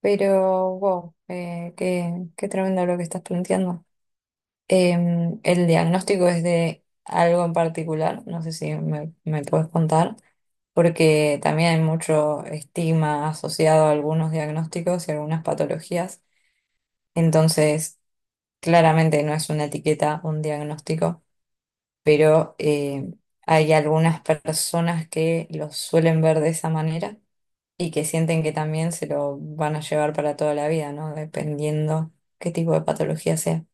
Pero, wow, qué tremendo lo que estás planteando. El diagnóstico es de algo en particular, no sé si me puedes contar, porque también hay mucho estigma asociado a algunos diagnósticos y algunas patologías. Entonces, claramente no es una etiqueta, un diagnóstico, pero hay algunas personas que lo suelen ver de esa manera y que sienten que también se lo van a llevar para toda la vida, ¿no? Dependiendo qué tipo de patología sea.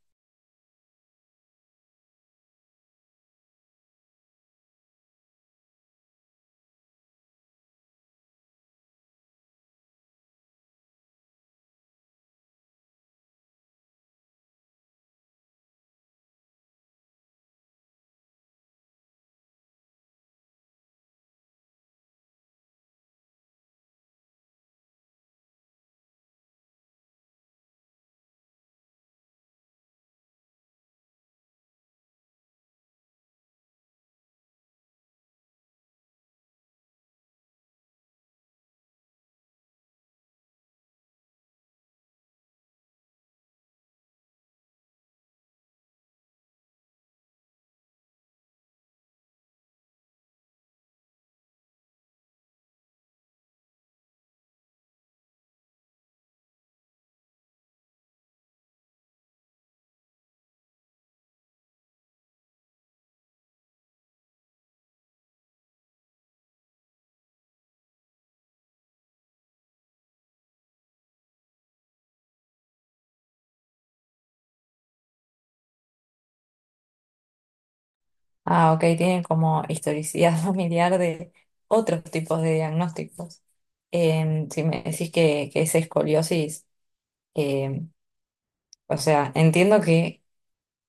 Ah, ok, tienen como historicidad familiar de otros tipos de diagnósticos. Si me decís que es escoliosis, em, o sea, entiendo que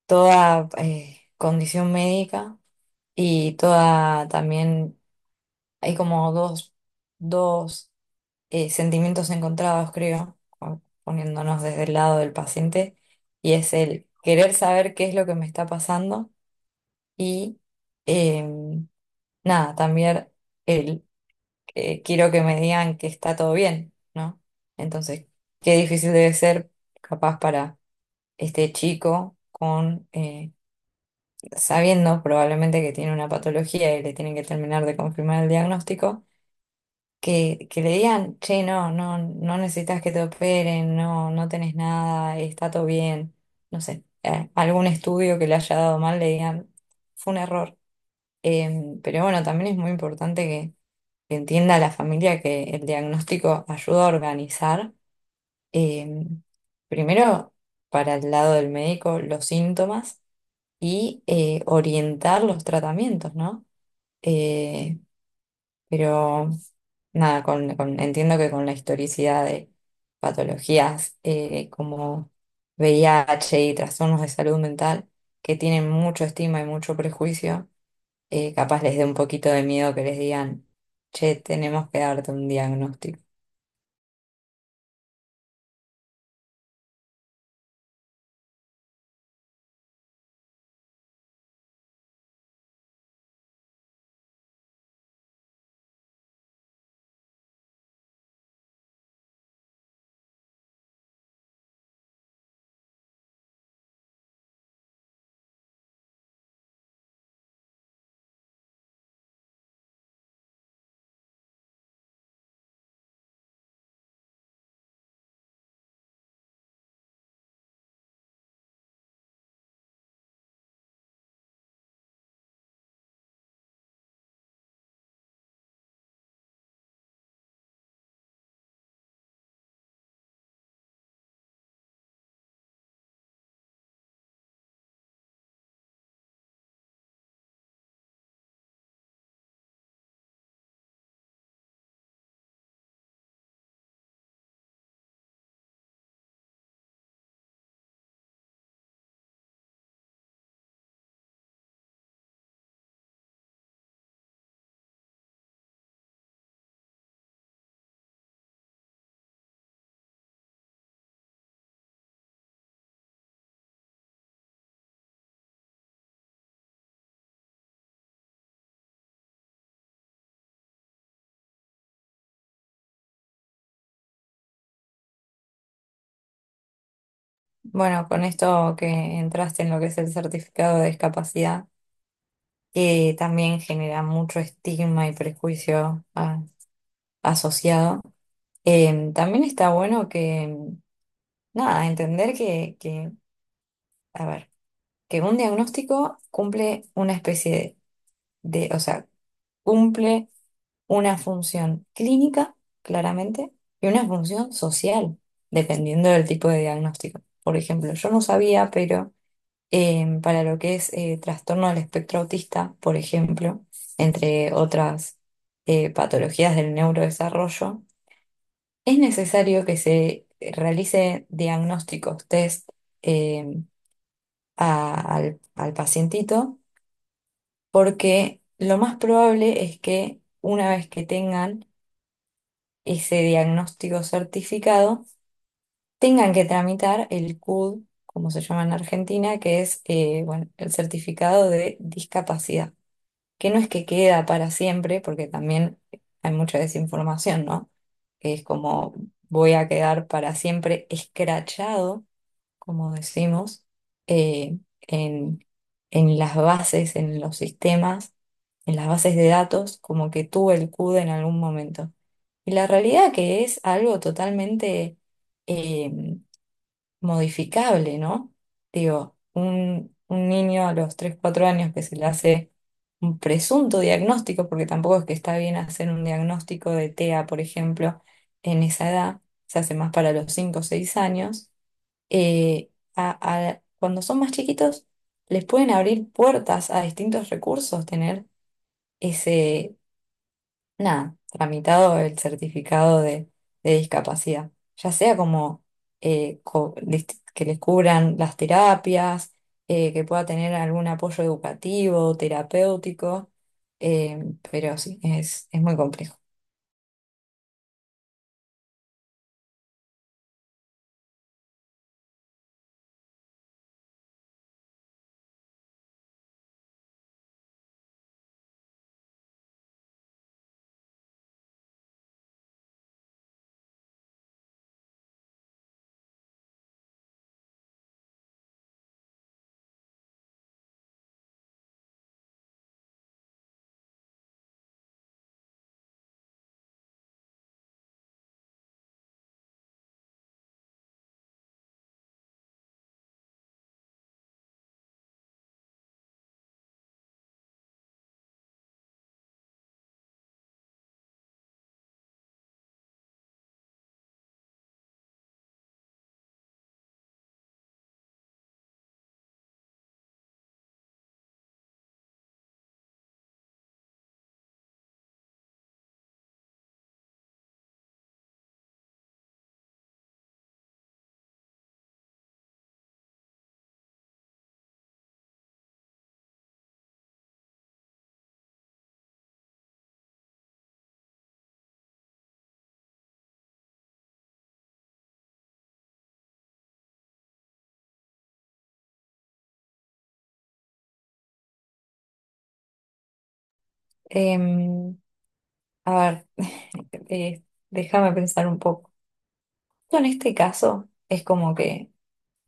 toda condición médica y toda también, hay como dos sentimientos encontrados, creo, o poniéndonos desde el lado del paciente, y es el querer saber qué es lo que me está pasando y em, nada, también el quiero que me digan que está todo bien, ¿no? Entonces, qué difícil debe ser capaz para este chico, con sabiendo probablemente que tiene una patología y le tienen que terminar de confirmar el diagnóstico, que le digan, che, no necesitas que te operen, no, no tenés nada, está todo bien, no sé, algún estudio que le haya dado mal, le digan, fue un error. Pero bueno, también es muy importante que entienda la familia que el diagnóstico ayuda a organizar, eh, primero para el lado del médico, los síntomas y orientar los tratamientos, ¿no? Eh, pero nada, entiendo que con la historicidad de patologías como VIH y trastornos de salud mental que tienen mucho estigma y mucho prejuicio, capaz les dé un poquito de miedo que les digan, che, tenemos que darte un diagnóstico. Bueno, con esto que entraste en lo que es el certificado de discapacidad, que también genera mucho estigma y prejuicio asociado. También está bueno que nada, entender a ver, que un diagnóstico cumple una especie o sea, cumple una función clínica, claramente, y una función social, dependiendo del tipo de diagnóstico. Por ejemplo, yo no sabía, pero para lo que es trastorno del espectro autista, por ejemplo, entre otras patologías del neurodesarrollo, es necesario que se realice diagnósticos, test, eh, al pacientito, porque lo más probable es que una vez que tengan ese diagnóstico certificado, tengan que tramitar el CUD, como se llama en Argentina, que es bueno, el certificado de discapacidad, que no es que queda para siempre, porque también hay mucha desinformación, ¿no? Que es como voy a quedar para siempre escrachado, como decimos, eh, en, en las bases, en los sistemas, en las bases de datos, como que tuvo el CUD en algún momento. Y la realidad que es algo totalmente eh, modificable, ¿no? Digo, un niño a los 3 4 años que se le hace un presunto diagnóstico, porque tampoco es que está bien hacer un diagnóstico de TEA, por ejemplo, en esa edad, se hace más para los 5 o 6 años eh, a- cuando son más chiquitos, les pueden abrir puertas a distintos recursos, tener ese, nada, tramitado el certificado de discapacidad, ya sea como que les cubran las terapias, que pueda tener algún apoyo educativo, terapéutico, eh, pero sí, es muy complejo. Em, a ver, eh, déjame pensar un poco. En este caso, es como que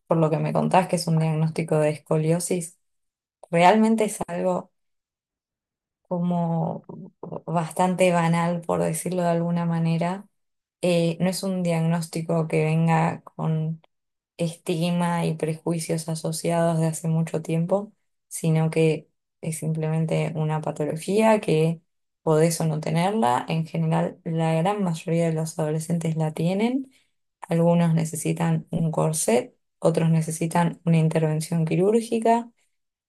por lo que me contás, que es un diagnóstico de escoliosis, realmente es algo como bastante banal, por decirlo de alguna manera, no es un diagnóstico que venga con estigma y prejuicios asociados de hace mucho tiempo, sino que es simplemente una patología que podés o no tenerla. En general, la gran mayoría de los adolescentes la tienen. Algunos necesitan un corset, otros necesitan una intervención quirúrgica.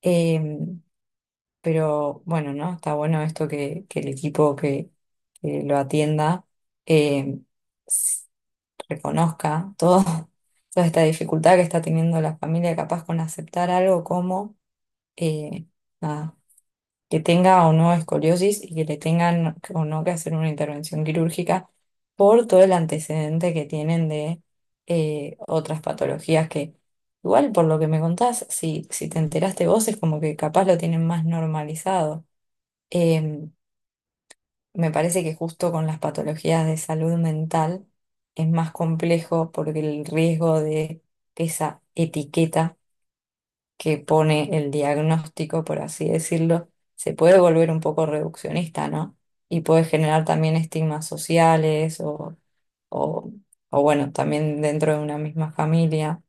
Em, pero bueno, ¿no? Está bueno esto que el equipo que lo atienda, em, reconozca todo, toda esta dificultad que está teniendo la familia capaz con aceptar algo como eh, nada, que tenga o no escoliosis y que le tengan o no que hacer una intervención quirúrgica por todo el antecedente que tienen de otras patologías que igual por lo que me contás, si te enteraste vos es como que capaz lo tienen más normalizado. Em, Me parece que justo con las patologías de salud mental es más complejo porque el riesgo de que esa etiqueta que pone el diagnóstico, por así decirlo, se puede volver un poco reduccionista, ¿no? Y puede generar también estigmas sociales o, o bueno, también dentro de una misma familia.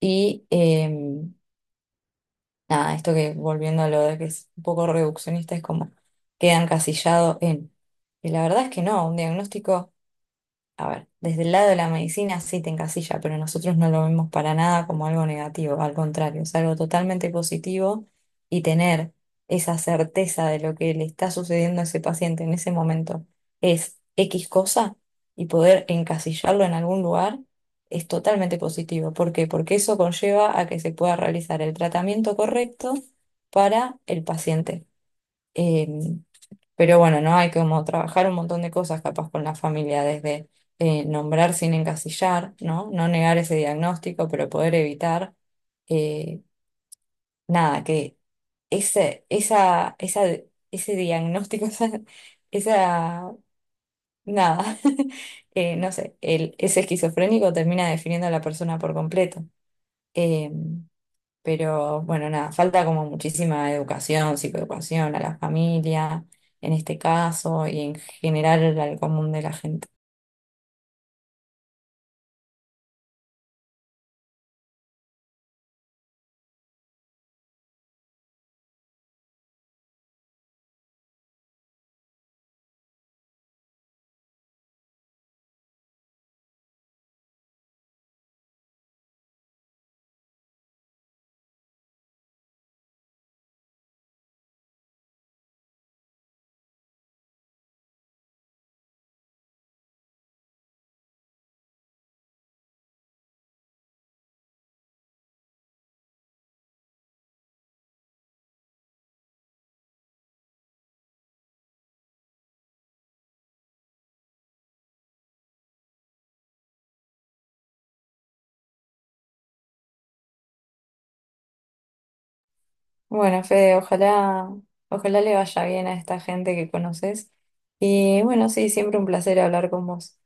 Y nada, esto que volviendo a lo de que es un poco reduccionista es como queda encasillado en... Y la verdad es que no, un diagnóstico... A ver, desde el lado de la medicina sí te encasilla, pero nosotros no lo vemos para nada como algo negativo, al contrario, es algo totalmente positivo y tener esa certeza de lo que le está sucediendo a ese paciente en ese momento es X cosa y poder encasillarlo en algún lugar es totalmente positivo. ¿Por qué? Porque eso conlleva a que se pueda realizar el tratamiento correcto para el paciente. Eh, pero bueno, ¿no? Hay como trabajar un montón de cosas capaz con la familia, desde nombrar sin encasillar, ¿no? No negar ese diagnóstico, pero poder evitar, eh, nada, que ese, esa, esa, ese diagnóstico, esa- nada, no sé, ese esquizofrénico termina definiendo a la persona por completo. Em, pero bueno, nada, falta como muchísima educación, psicoeducación a la familia, en este caso, y en general al común de la gente. Bueno, Fede, ojalá le vaya bien a esta gente que conoces. Y bueno, sí, siempre un placer hablar con vos.